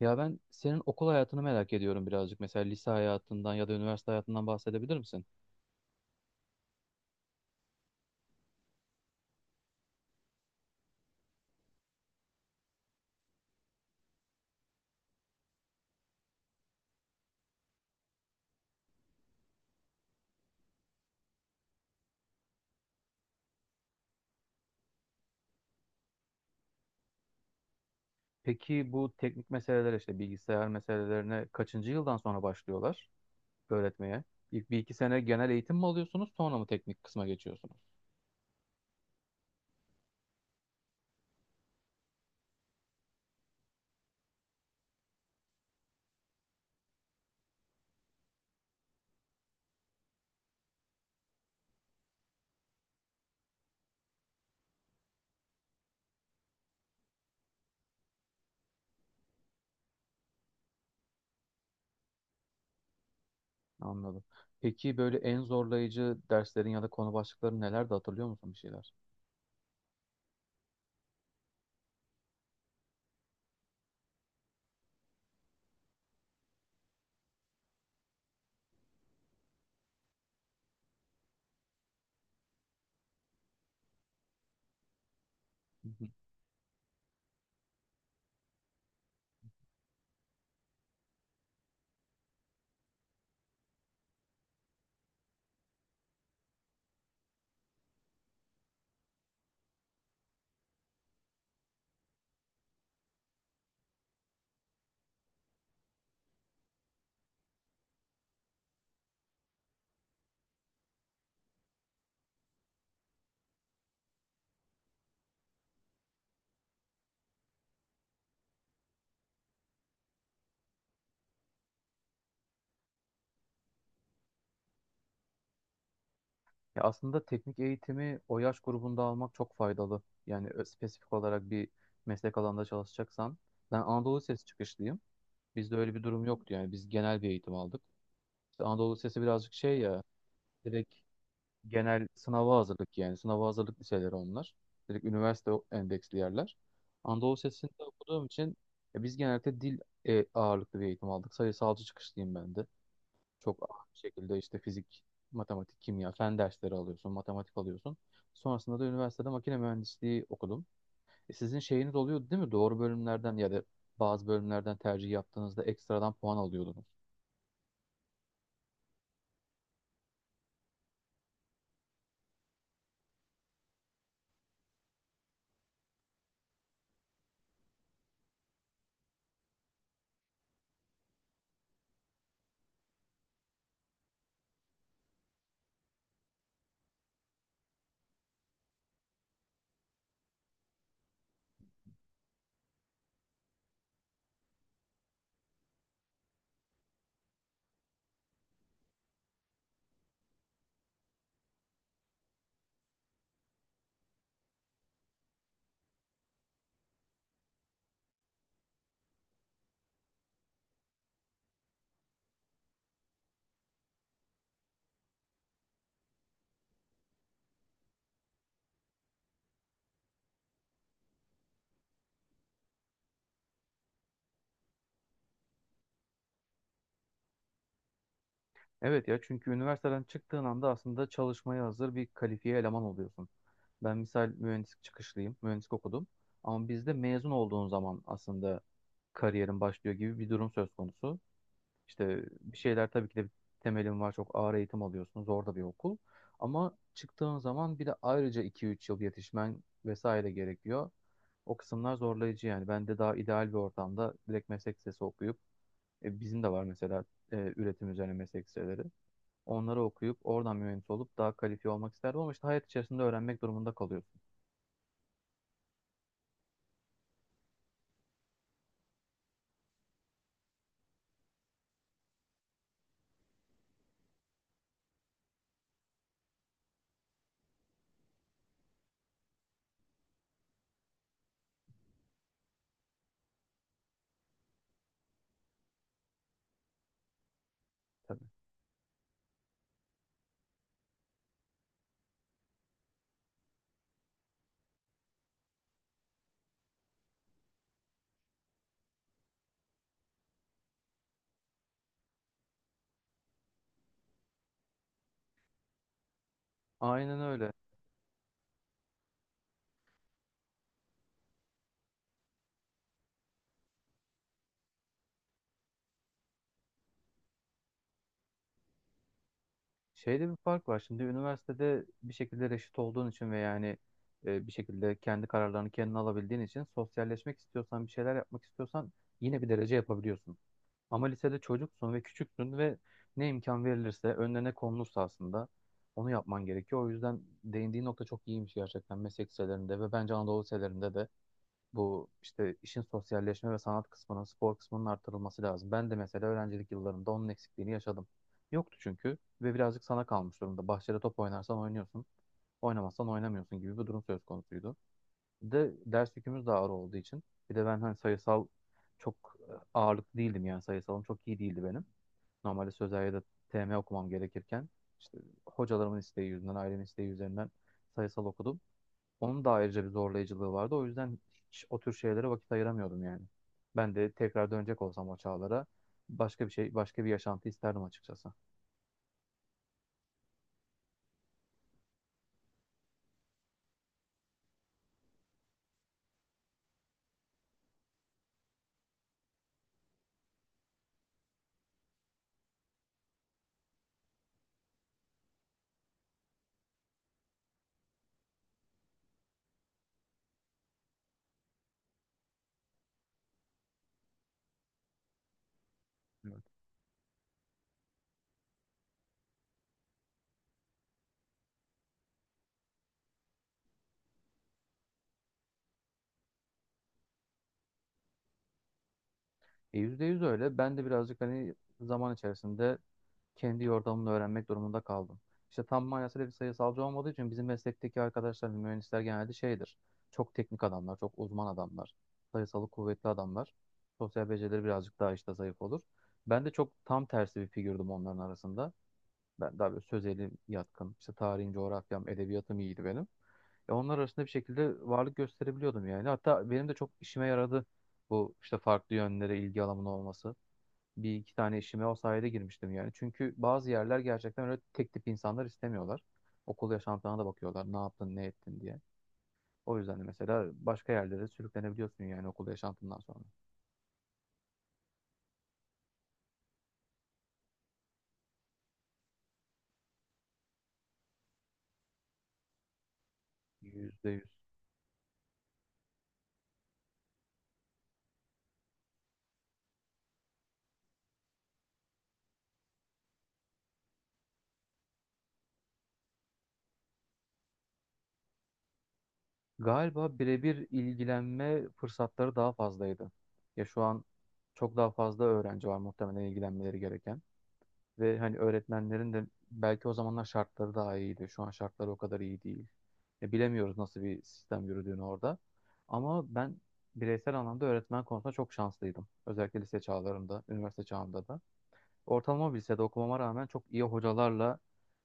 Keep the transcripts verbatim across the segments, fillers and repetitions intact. Ya ben senin okul hayatını merak ediyorum birazcık. Mesela lise hayatından ya da üniversite hayatından bahsedebilir misin? Peki bu teknik meseleler işte bilgisayar meselelerine kaçıncı yıldan sonra başlıyorlar öğretmeye? İlk bir iki sene genel eğitim mi alıyorsunuz, sonra mı teknik kısma geçiyorsunuz? Anladım. Peki böyle en zorlayıcı derslerin ya da konu başlıkları neler de hatırlıyor musun bir şeyler? Hı hı. Ya aslında teknik eğitimi o yaş grubunda almak çok faydalı. Yani ö- spesifik olarak bir meslek alanında çalışacaksan. Ben Anadolu Lisesi çıkışlıyım. Bizde öyle bir durum yoktu yani. Biz genel bir eğitim aldık. İşte Anadolu Lisesi birazcık şey ya, direkt genel sınava hazırlık yani. Sınava hazırlık liseleri onlar. Direkt üniversite o- endeksli yerler. Anadolu Lisesi'nde okuduğum için e, biz genelde dil e, ağırlıklı bir eğitim aldık. Sayısalcı çıkışlıyım ben de. Çok ağır bir şekilde işte fizik, matematik, kimya, fen dersleri alıyorsun, matematik alıyorsun. Sonrasında da üniversitede makine mühendisliği okudum. E, sizin şeyiniz oluyordu değil mi? Doğru bölümlerden ya da bazı bölümlerden tercih yaptığınızda ekstradan puan alıyordunuz. Evet ya, çünkü üniversiteden çıktığın anda aslında çalışmaya hazır bir kalifiye eleman oluyorsun. Ben misal mühendislik çıkışlıyım, mühendislik okudum. Ama bizde mezun olduğun zaman aslında kariyerin başlıyor gibi bir durum söz konusu. İşte bir şeyler tabii ki de bir temelin var, çok ağır eğitim alıyorsun, zor da bir okul. Ama çıktığın zaman bir de ayrıca iki üç yıl yetişmen vesaire gerekiyor. O kısımlar zorlayıcı yani. Ben de daha ideal bir ortamda direkt meslek lisesi okuyup, e, bizim de var mesela e, üretim üzerine meslek liseleri. Onları okuyup oradan mühendis olup daha kalifiye olmak isterdim, ama işte hayat içerisinde öğrenmek durumunda kalıyorsun tabii. Aynen öyle. Şeyde bir fark var. Şimdi üniversitede bir şekilde reşit olduğun için ve yani e, bir şekilde kendi kararlarını kendin alabildiğin için sosyalleşmek istiyorsan, bir şeyler yapmak istiyorsan yine bir derece yapabiliyorsun. Ama lisede çocuksun ve küçüksün ve ne imkan verilirse, önüne ne konulursa aslında onu yapman gerekiyor. O yüzden değindiğin nokta çok iyiymiş gerçekten. Meslek liselerinde ve bence Anadolu liselerinde de bu işte işin sosyalleşme ve sanat kısmının, spor kısmının artırılması lazım. Ben de mesela öğrencilik yıllarımda onun eksikliğini yaşadım. Yoktu çünkü ve birazcık sana kalmış durumda. Bahçede top oynarsan oynuyorsun, oynamazsan oynamıyorsun gibi bir durum söz konusuydu. Bir de ders yükümüz de ağır olduğu için. Bir de ben hani sayısal çok e, ağırlıklı değildim, yani sayısalım çok iyi değildi benim. Normalde sözel ya da T M okumam gerekirken işte hocalarımın isteği yüzünden, ailemin isteği üzerinden sayısal okudum. Onun da ayrıca bir zorlayıcılığı vardı. O yüzden hiç o tür şeylere vakit ayıramıyordum yani. Ben de tekrar dönecek olsam o çağlara, başka bir şey, başka bir yaşantı isterdim açıkçası. Evet. E, yüzde yüz öyle. Ben de birazcık hani zaman içerisinde kendi yordamını öğrenmek durumunda kaldım. İşte tam manasıyla bir sayısalcı olmadığı için bizim meslekteki arkadaşlar, hani, mühendisler genelde şeydir. Çok teknik adamlar, çok uzman adamlar, sayısalı kuvvetli adamlar. Sosyal becerileri birazcık daha işte zayıf olur. Ben de çok tam tersi bir figürdüm onların arasında. Ben daha böyle sözelim yatkın. İşte tarihim, coğrafyam, edebiyatım iyiydi benim. E onlar arasında bir şekilde varlık gösterebiliyordum yani. Hatta benim de çok işime yaradı bu işte farklı yönlere ilgi alanımın olması. Bir iki tane işime o sayede girmiştim yani. Çünkü bazı yerler gerçekten öyle tek tip insanlar istemiyorlar. Okul yaşantına da bakıyorlar. Ne yaptın, ne ettin diye. O yüzden de mesela başka yerlere sürüklenebiliyorsun yani okul yaşantından sonra. Yüzde yüz. Galiba birebir ilgilenme fırsatları daha fazlaydı. Ya şu an çok daha fazla öğrenci var muhtemelen ilgilenmeleri gereken. Ve hani öğretmenlerin de belki o zamanlar şartları daha iyiydi. Şu an şartları o kadar iyi değil. Ya bilemiyoruz nasıl bir sistem yürüdüğünü orada. Ama ben bireysel anlamda öğretmen konusunda çok şanslıydım. Özellikle lise çağlarımda, üniversite çağımda da. Ortalama bir lisede okumama rağmen çok iyi hocalarla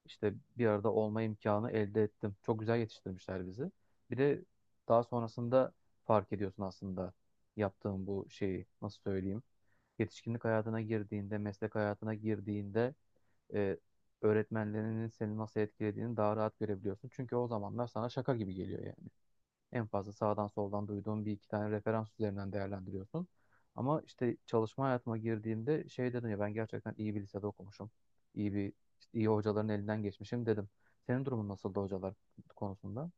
işte bir arada olma imkanı elde ettim. Çok güzel yetiştirmişler bizi. Bir de daha sonrasında fark ediyorsun aslında yaptığın bu şeyi nasıl söyleyeyim. Yetişkinlik hayatına girdiğinde, meslek hayatına girdiğinde e, öğretmenlerinin seni nasıl etkilediğini daha rahat görebiliyorsun. Çünkü o zamanlar sana şaka gibi geliyor yani. En fazla sağdan soldan duyduğum bir iki tane referans üzerinden değerlendiriyorsun. Ama işte çalışma hayatıma girdiğimde şey dedim ya, ben gerçekten iyi bir lisede okumuşum. İyi bir işte iyi hocaların elinden geçmişim dedim. Senin durumun nasıldı hocalar konusunda?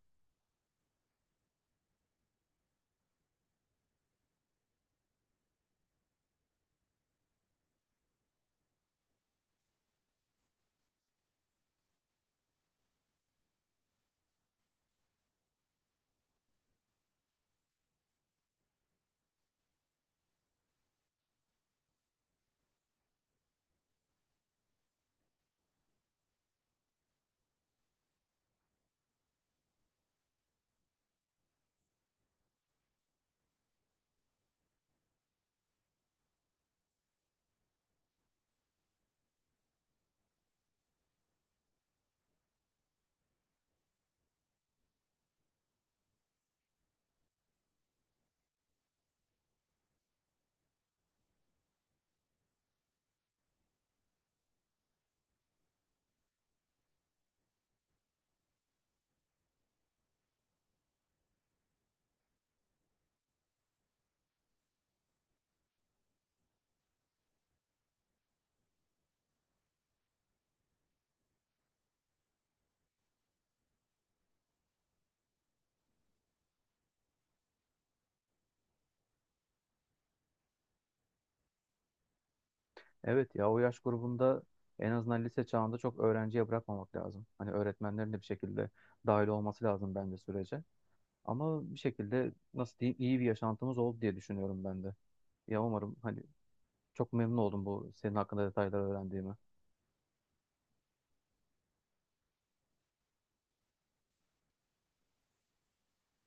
Evet ya, o yaş grubunda en azından lise çağında çok öğrenciye bırakmamak lazım. Hani öğretmenlerin de bir şekilde dahil olması lazım bence sürece. Ama bir şekilde nasıl diyeyim iyi bir yaşantımız oldu diye düşünüyorum ben de. Ya umarım hani çok memnun oldum bu senin hakkında detayları öğrendiğime.